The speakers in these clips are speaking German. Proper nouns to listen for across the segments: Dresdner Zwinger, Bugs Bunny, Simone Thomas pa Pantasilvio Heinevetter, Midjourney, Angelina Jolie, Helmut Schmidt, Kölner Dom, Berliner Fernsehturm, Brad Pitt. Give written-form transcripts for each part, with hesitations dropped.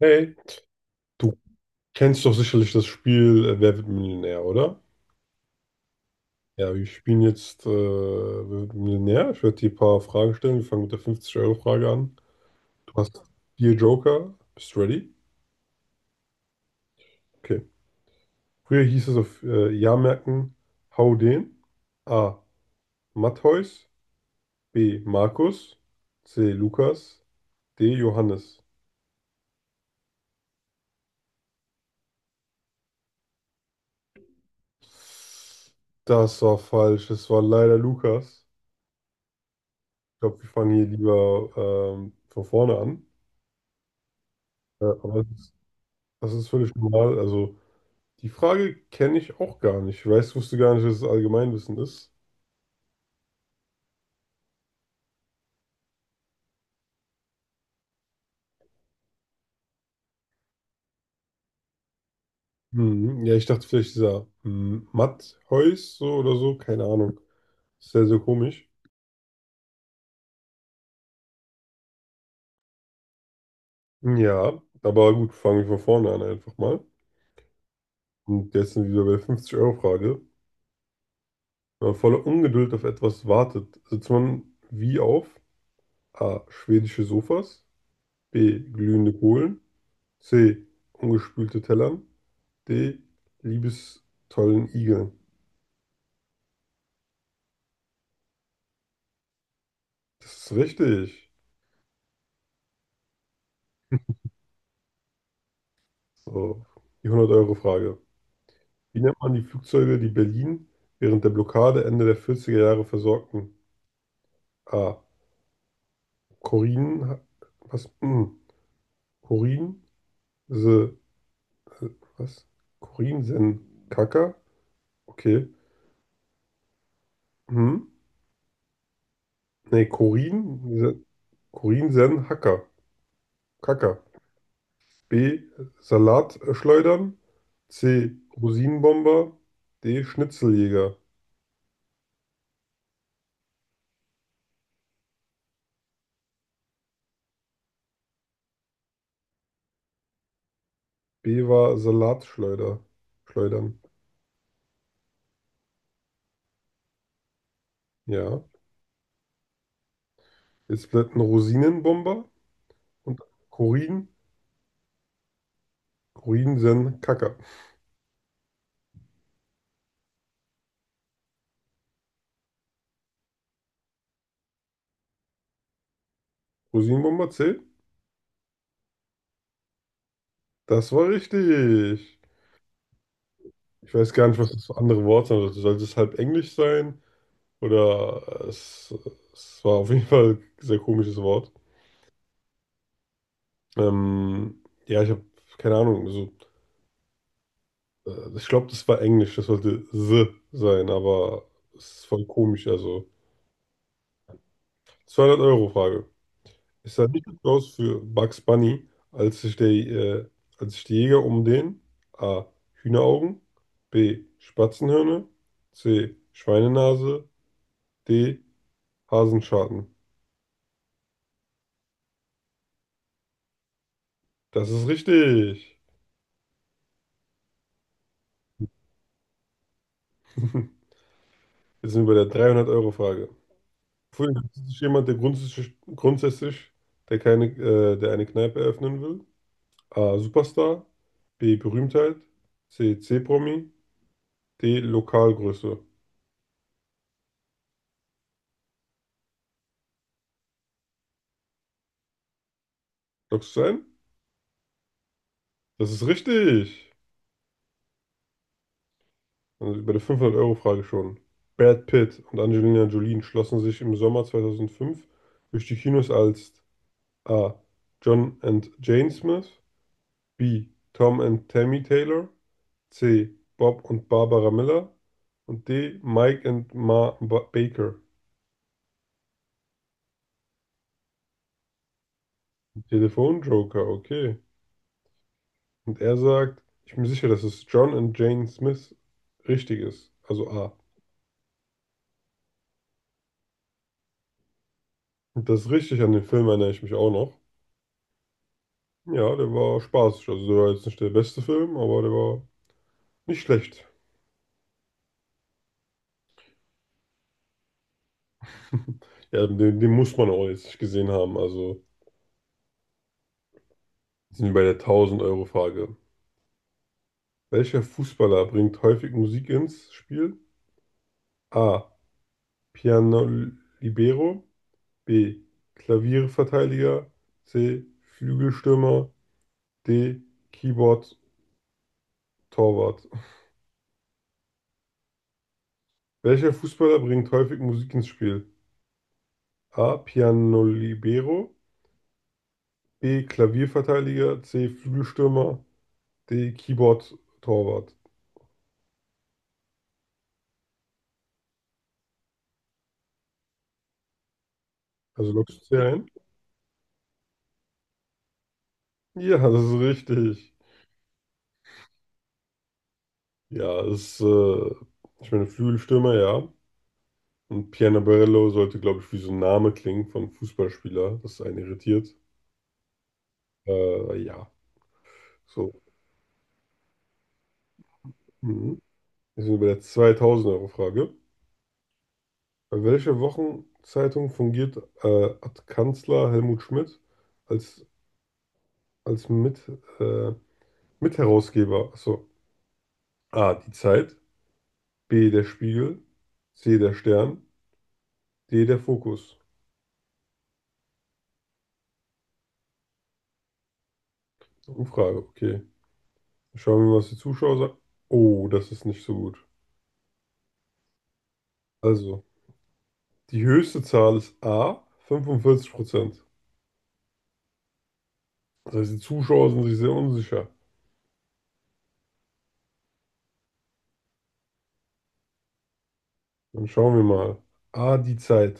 Hey, du kennst doch sicherlich das Spiel Wer wird Millionär, oder? Ja, wir spielen jetzt Wer wird Millionär. Ich werde dir ein paar Fragen stellen. Wir fangen mit der 50-Euro-Frage an. Du hast vier Joker. Bist du ready? Okay. Früher hieß es auf Jahrmärkten Hau den. A. Matthäus. B. Markus. C. Lukas. D. Johannes. Das war falsch. Es war leider Lukas. Ich glaube, wir fangen hier lieber von vorne an. Aber. Das ist völlig normal. Also, die Frage kenne ich auch gar nicht. Ich weiß, wusste gar nicht, dass es Allgemeinwissen ist. Hm, ja, ich dachte vielleicht dieser Matthäus so oder so, keine Ahnung. Sehr, sehr komisch. Ja, aber gut, fangen wir von vorne an einfach mal. Und jetzt sind wir wieder bei der 50-Euro-Frage. Wenn man voller Ungeduld auf etwas wartet, sitzt man wie auf A. Schwedische Sofas, B. Glühende Kohlen, C. Ungespülte Tellern, D. Liebestollen Igeln. Das ist richtig. So, die 100 Euro Frage. Wie nennt man die Flugzeuge, die Berlin während der Blockade Ende der vierziger Jahre versorgten? A. Korin, was? Hm. Korin, se, äh, was? Korin, sen, Kaka? Okay. Hm? Nee, Korin, se, Korin, sen, Hacker. Kaka. B. Salatschleudern. C. Rosinenbomber. D. Schnitzeljäger. B war Salatschleuder. Schleudern. Ja. Jetzt bleibt ein Rosinenbomber und Korin. Korin sen Kaka. Rosinenbomber C. Das war richtig. Ich weiß gar nicht, was das für andere Worte sind. Also sollte es halb Englisch sein? Oder es war auf jeden Fall ein sehr komisches Wort. Ja, ich habe keine Ahnung. Also, ich glaube, das war Englisch. Das sollte the sein, aber es ist voll komisch. Also 200 Euro Frage. Ich sah nicht gut aus für Bugs Bunny, als sich als sich die Jäger um den A. Hühneraugen, B. Spatzenhörner, C. Schweinenase, D. Hasenschaden. Das ist richtig. Jetzt sind wir bei der 300-Euro-Frage. Für ist jemand, der grundsätzlich der keine, der eine Kneipe eröffnen will. A. Superstar, B. Berühmtheit, C. C-Promi, D. Lokalgröße. Lockst du es ein? Das ist richtig. Also bei der 500-Euro-Frage schon. Brad Pitt und Angelina Jolie schlossen sich im Sommer 2005 durch die Kinos als A. John and Jane Smith, B. Tom and Tammy Taylor, C. Bob und Barbara Miller und D. Mike and Ma ba Baker. Telefonjoker, okay. Und er sagt, ich bin mir sicher, dass es John and Jane Smith richtig ist. Also A. Und das richtig an den Film erinnere ich mich auch noch. Ja, der war spaßig. Also der war jetzt nicht der beste Film, aber der war nicht schlecht. Ja, den muss man auch jetzt nicht gesehen haben. Also sind wir bei der 1000-Euro-Frage. Welcher Fußballer bringt häufig Musik ins Spiel? A. Piano Libero. B. Klavierverteidiger. C. Flügelstürmer. D. Keyboard Torwart. Welcher Fußballer bringt häufig Musik ins Spiel? A. Piano Libero. B. Klavierverteidiger. C. Flügelstürmer. Die Keyboard-Torwart. Also lockst du sie ein? Ja, das ist richtig. Ja, es ist, ich meine, Flügelstürmer, ja. Und Piano sollte, glaube ich, wie so ein Name klingen von Fußballspieler, das einen irritiert. Ja, so. Mhm. Wir sind bei der 2000 Euro Frage. Bei welcher Wochenzeitung fungiert äh, Ad Kanzler Helmut Schmidt als, als äh, Mitherausgeber? Achso. A. Die Zeit. B. Der Spiegel. C. Der Stern. D. Der Fokus. Umfrage, okay. Schauen wir mal, was die Zuschauer sagen. Oh, das ist nicht so gut. Also, die höchste Zahl ist A, 45%. Das heißt, die Zuschauer sind sich sehr unsicher. Dann schauen wir mal. A, die Zeit.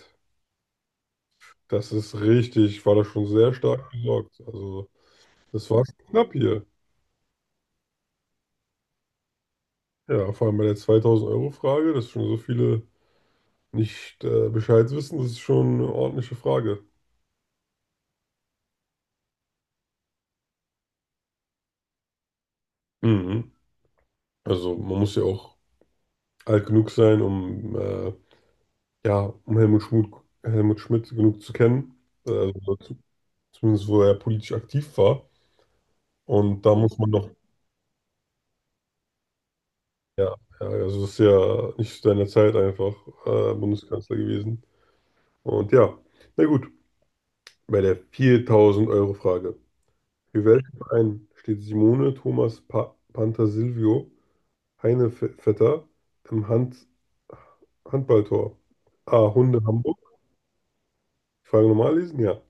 Das ist richtig, war da schon sehr stark gesorgt. Also, das war schon knapp hier. Ja, vor allem bei der 2000-Euro-Frage, dass schon so viele nicht Bescheid wissen, das ist schon eine ordentliche Frage. Mhm. Also, man muss ja auch alt genug sein, um ja, um Helmut Schmidt genug zu kennen, also zumindest wo er politisch aktiv war. Und da muss man noch, ja, ja, also das ist ja nicht zu deiner Zeit einfach Bundeskanzler gewesen. Und ja, na gut, bei der 4000 Euro Frage. Für welchen Verein steht Simone Thomas pa Pantasilvio Heinevetter im Handballtor? A. Hunde Hamburg. Die Frage normal lesen? Ja.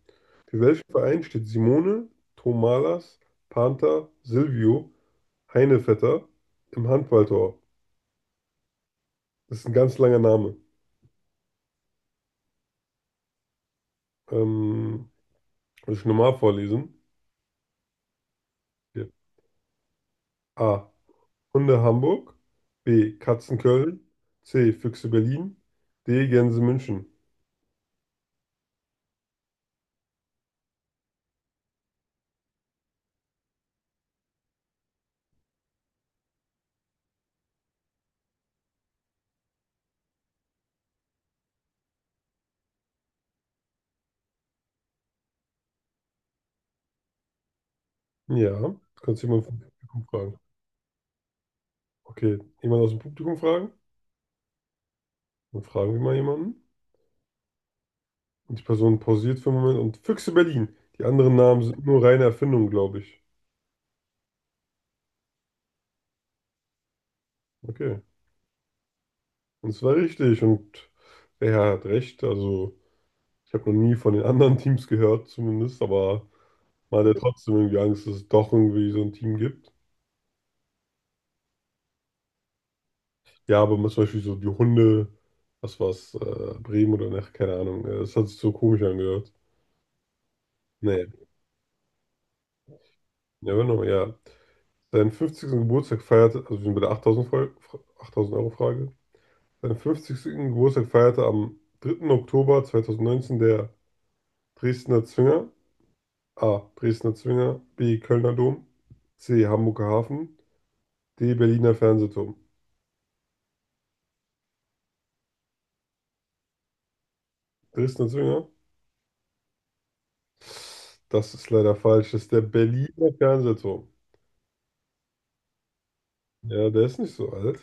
Für welchen Verein steht Simone Tomalas Panther Silvio Heinevetter im Handballtor? Das ist ein ganz langer Name. Ähm, Muss ich normal vorlesen? Hier. A. Hunde Hamburg. B. Katzen Köln. C. Füchse Berlin. D. Gänse München. Ja, kannst du jemanden vom Publikum fragen. Okay, jemand aus dem Publikum fragen? Dann fragen wir mal jemanden. Die Person pausiert für einen Moment und Füchse Berlin. Die anderen Namen sind nur reine Erfindung, glaube ich. Okay. Und es war richtig und er hat recht. Also, ich habe noch nie von den anderen Teams gehört, zumindest, aber man hat ja trotzdem irgendwie Angst, dass es doch irgendwie so ein Team gibt. Ja, aber zum Beispiel so die Hunde, was war's, Bremen oder nach, keine Ahnung. Das hat sich so komisch angehört. Nee, never know, ja. Seinen 50. Geburtstag feierte, also wir sind bei der 8000 Euro Frage. Seinen fünfzigsten Geburtstag feierte am 3. Oktober 2019 der Dresdner Zwinger, A. Dresdner Zwinger, B. Kölner Dom, C. Hamburger Hafen, D. Berliner Fernsehturm. Dresdner Zwinger? Das ist leider falsch. Das ist der Berliner Fernsehturm. Ja, der ist nicht so alt.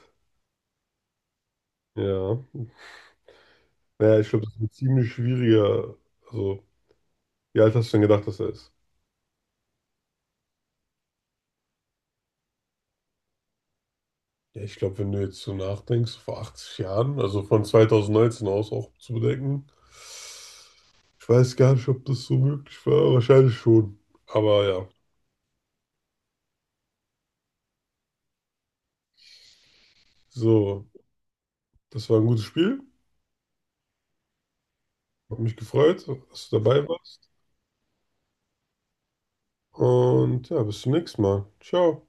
Ja. Naja, ich glaube, das ist ein ziemlich schwieriger. Also, wie alt hast du denn gedacht, dass er ist? Ja, ich glaube, wenn du jetzt so nachdenkst, vor 80 Jahren, also von 2019 aus auch zu bedenken. Ich weiß gar nicht, ob das so möglich war. Wahrscheinlich schon. Aber ja, so, das war ein gutes Spiel. Hat mich gefreut, dass du dabei warst. Und ja, bis zum nächsten Mal. Ciao.